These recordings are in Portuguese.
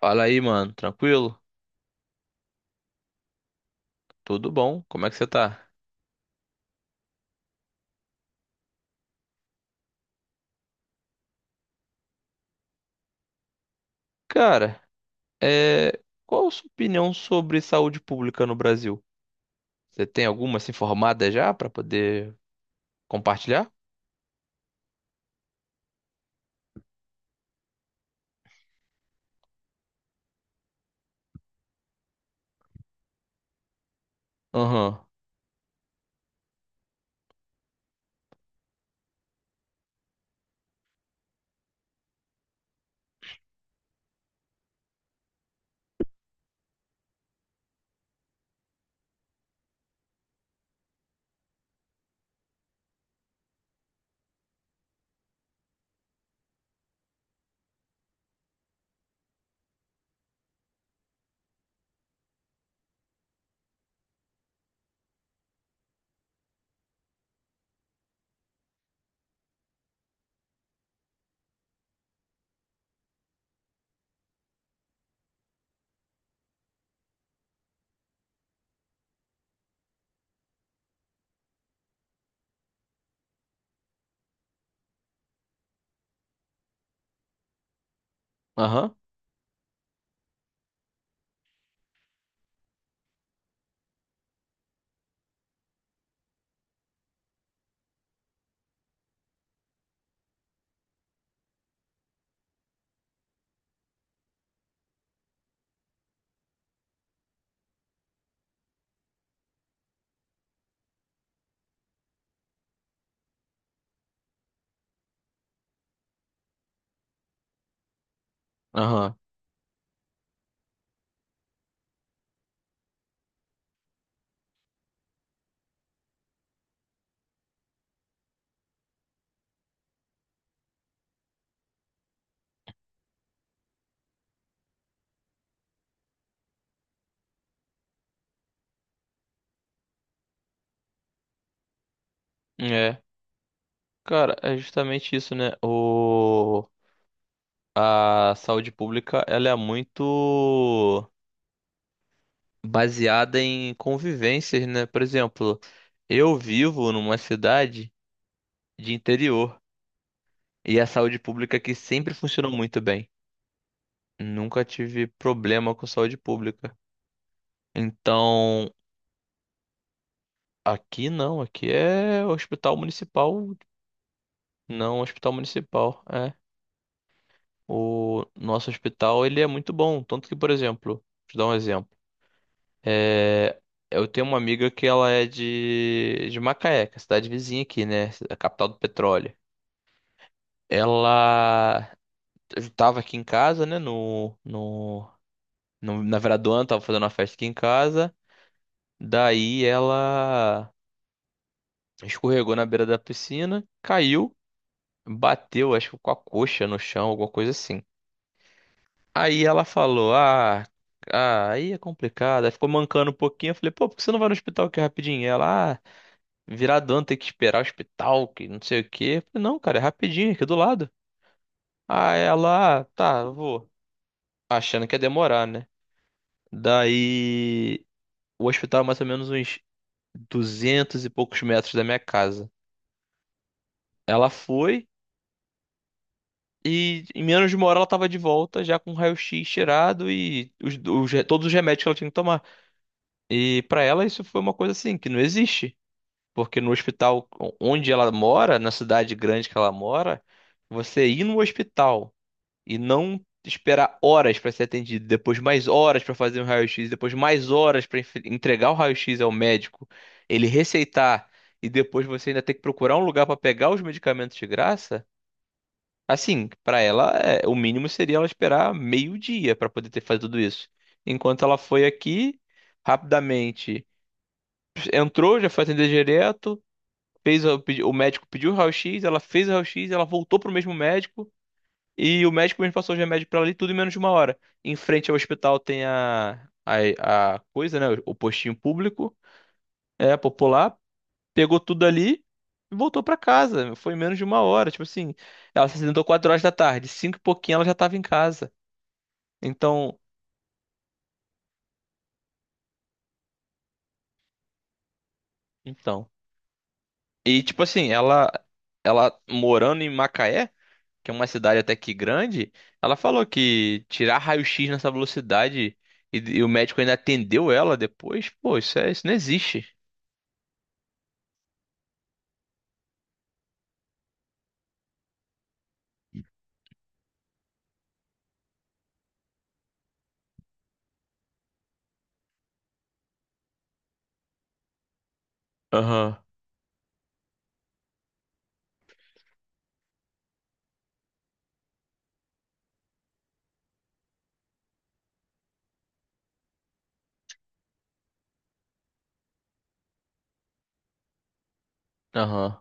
Fala aí, mano. Tranquilo? Tudo bom? Como é que você tá? Cara, é... qual a sua opinião sobre saúde pública no Brasil? Você tem alguma se informada já pra poder compartilhar? Aham, aham, aham. É, cara, é justamente isso, né? A saúde pública, ela é muito baseada em convivências, né? Por exemplo, eu vivo numa cidade de interior e a saúde pública aqui sempre funcionou muito bem. Nunca tive problema com saúde pública. Então, aqui não, aqui é hospital municipal, não hospital municipal, é. O nosso hospital, ele é muito bom, tanto que, por exemplo, te dar um exemplo. É, eu tenho uma amiga que ela é de Macaé, que é a cidade vizinha aqui, né, a capital do petróleo. Ela estava aqui em casa, né, na Veradoana, tava fazendo uma festa aqui em casa. Daí ela escorregou na beira da piscina, caiu, bateu, acho que com a coxa no chão, alguma coisa assim. Aí ela falou: "Ah, ah, aí é complicado." Aí ficou mancando um pouquinho. Eu falei: "Pô, por que você não vai no hospital aqui rapidinho?" Ela: "Ah, viradão tem que esperar o hospital, que não sei o quê." Eu falei: "Não, cara, é rapidinho, aqui do lado." Aí ela: "Ah, tá, eu vou." Achando que ia demorar, né? Daí o hospital é mais ou menos uns 200 e poucos metros da minha casa. Ela foi. E em menos de uma hora ela tava de volta, já com o raio-x tirado e todos os remédios que ela tinha que tomar. E pra ela isso foi uma coisa assim, que não existe. Porque no hospital onde ela mora, na cidade grande que ela mora, você ir no hospital e não esperar horas pra ser atendido, depois mais horas pra fazer um raio-x, depois mais horas pra entregar o raio-x ao médico, ele receitar e depois você ainda ter que procurar um lugar pra pegar os medicamentos de graça. Assim, pra ela, é, o mínimo seria ela esperar meio-dia pra poder ter feito tudo isso. Enquanto ela foi aqui, rapidamente entrou, já foi atender direto, fez o médico pediu o raio-x, ela fez o raio-x, ela voltou pro mesmo médico e o médico mesmo passou o remédio pra ela ali tudo em menos de uma hora. Em frente ao hospital tem a coisa, né, o postinho público, é popular, pegou tudo ali e voltou pra casa. Foi em menos de uma hora. Tipo assim, ela se acidentou 4 horas da tarde, cinco e pouquinho ela já tava em casa. Então, então. E tipo assim, ela morando em Macaé, que é uma cidade até que grande, ela falou que tirar raio-x nessa velocidade e o médico ainda atendeu ela depois, pô, isso é, isso não existe. Aham, aham,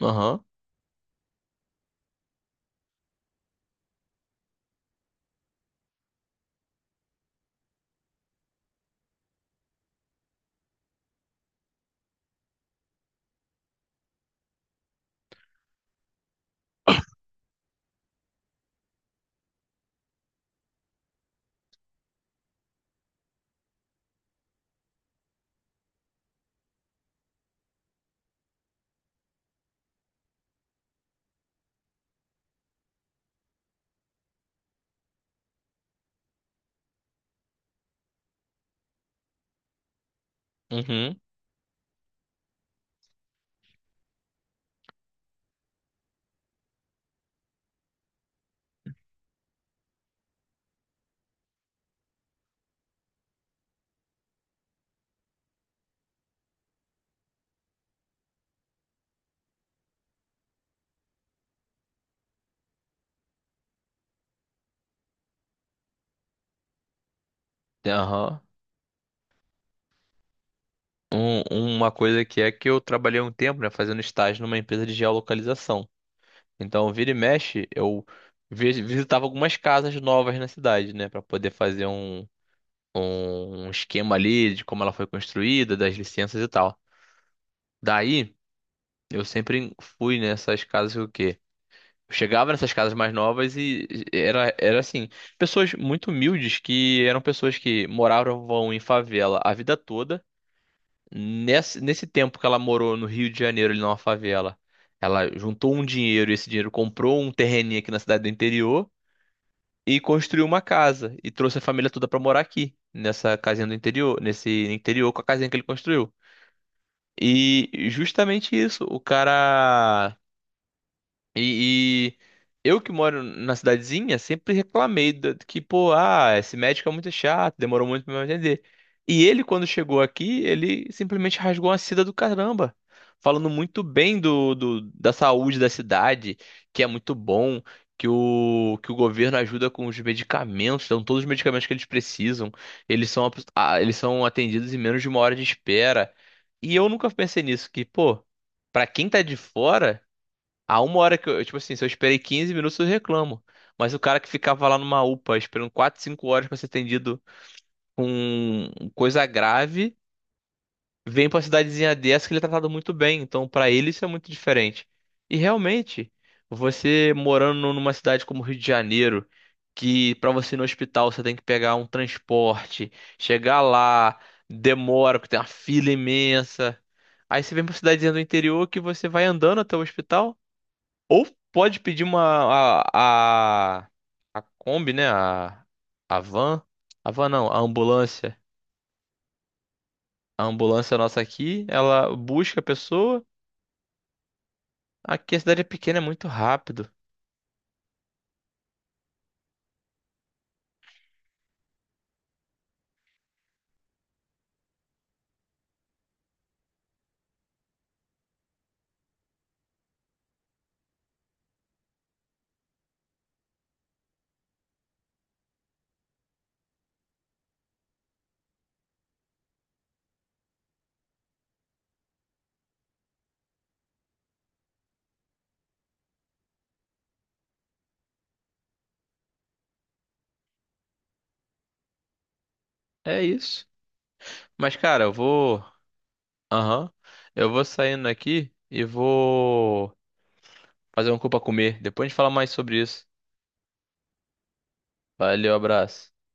aham, uhum, aham. Um- uma coisa que é que eu trabalhei um tempo, né, fazendo estágio numa empresa de geolocalização. Então, vira e mexe, eu visitava algumas casas novas na cidade, né, pra poder fazer um esquema ali de como ela foi construída, das licenças e tal. Daí, eu sempre fui nessas casas o quê? Eu chegava nessas casas mais novas e era, era assim, pessoas muito humildes que eram pessoas que moravam em favela a vida toda. Nesse tempo que ela morou no Rio de Janeiro, ali numa favela, ela juntou um dinheiro e esse dinheiro comprou um terreninho aqui na cidade do interior, e construiu uma casa e trouxe a família toda pra morar aqui, nessa casinha do interior, nesse interior com a casinha que ele construiu. E justamente isso, o cara, e, e eu que moro na cidadezinha sempre reclamei que, pô, ah, esse médico é muito chato, demorou muito pra me atender. E ele, quando chegou aqui, ele simplesmente rasgou uma seda do caramba, falando muito bem da saúde da cidade, que é muito bom, que o governo ajuda com os medicamentos, dão todos os medicamentos que eles precisam, eles são, eles são atendidos em menos de uma hora de espera. E eu nunca pensei nisso, que, pô, pra quem tá de fora. A uma hora que eu, tipo assim, se eu esperei 15 minutos, eu reclamo. Mas o cara que ficava lá numa UPA esperando 4, 5 horas pra ser atendido com coisa grave, vem pra cidadezinha dessa que ele é tratado muito bem. Então, pra ele, isso é muito diferente. E realmente, você morando numa cidade como Rio de Janeiro, que pra você ir no hospital você tem que pegar um transporte, chegar lá, demora, porque tem uma fila imensa. Aí você vem pra cidadezinha do interior que você vai andando até o hospital. Ou pode pedir uma a, a, a Kombi, né? A van. A van não, a ambulância. A ambulância nossa aqui, ela busca a pessoa. Aqui a cidade é pequena, é muito rápido. É isso. Mas, cara, eu vou. Aham. Eu vou saindo aqui e vou fazer um cu pra comer. Depois a gente fala mais sobre isso. Valeu, abraço.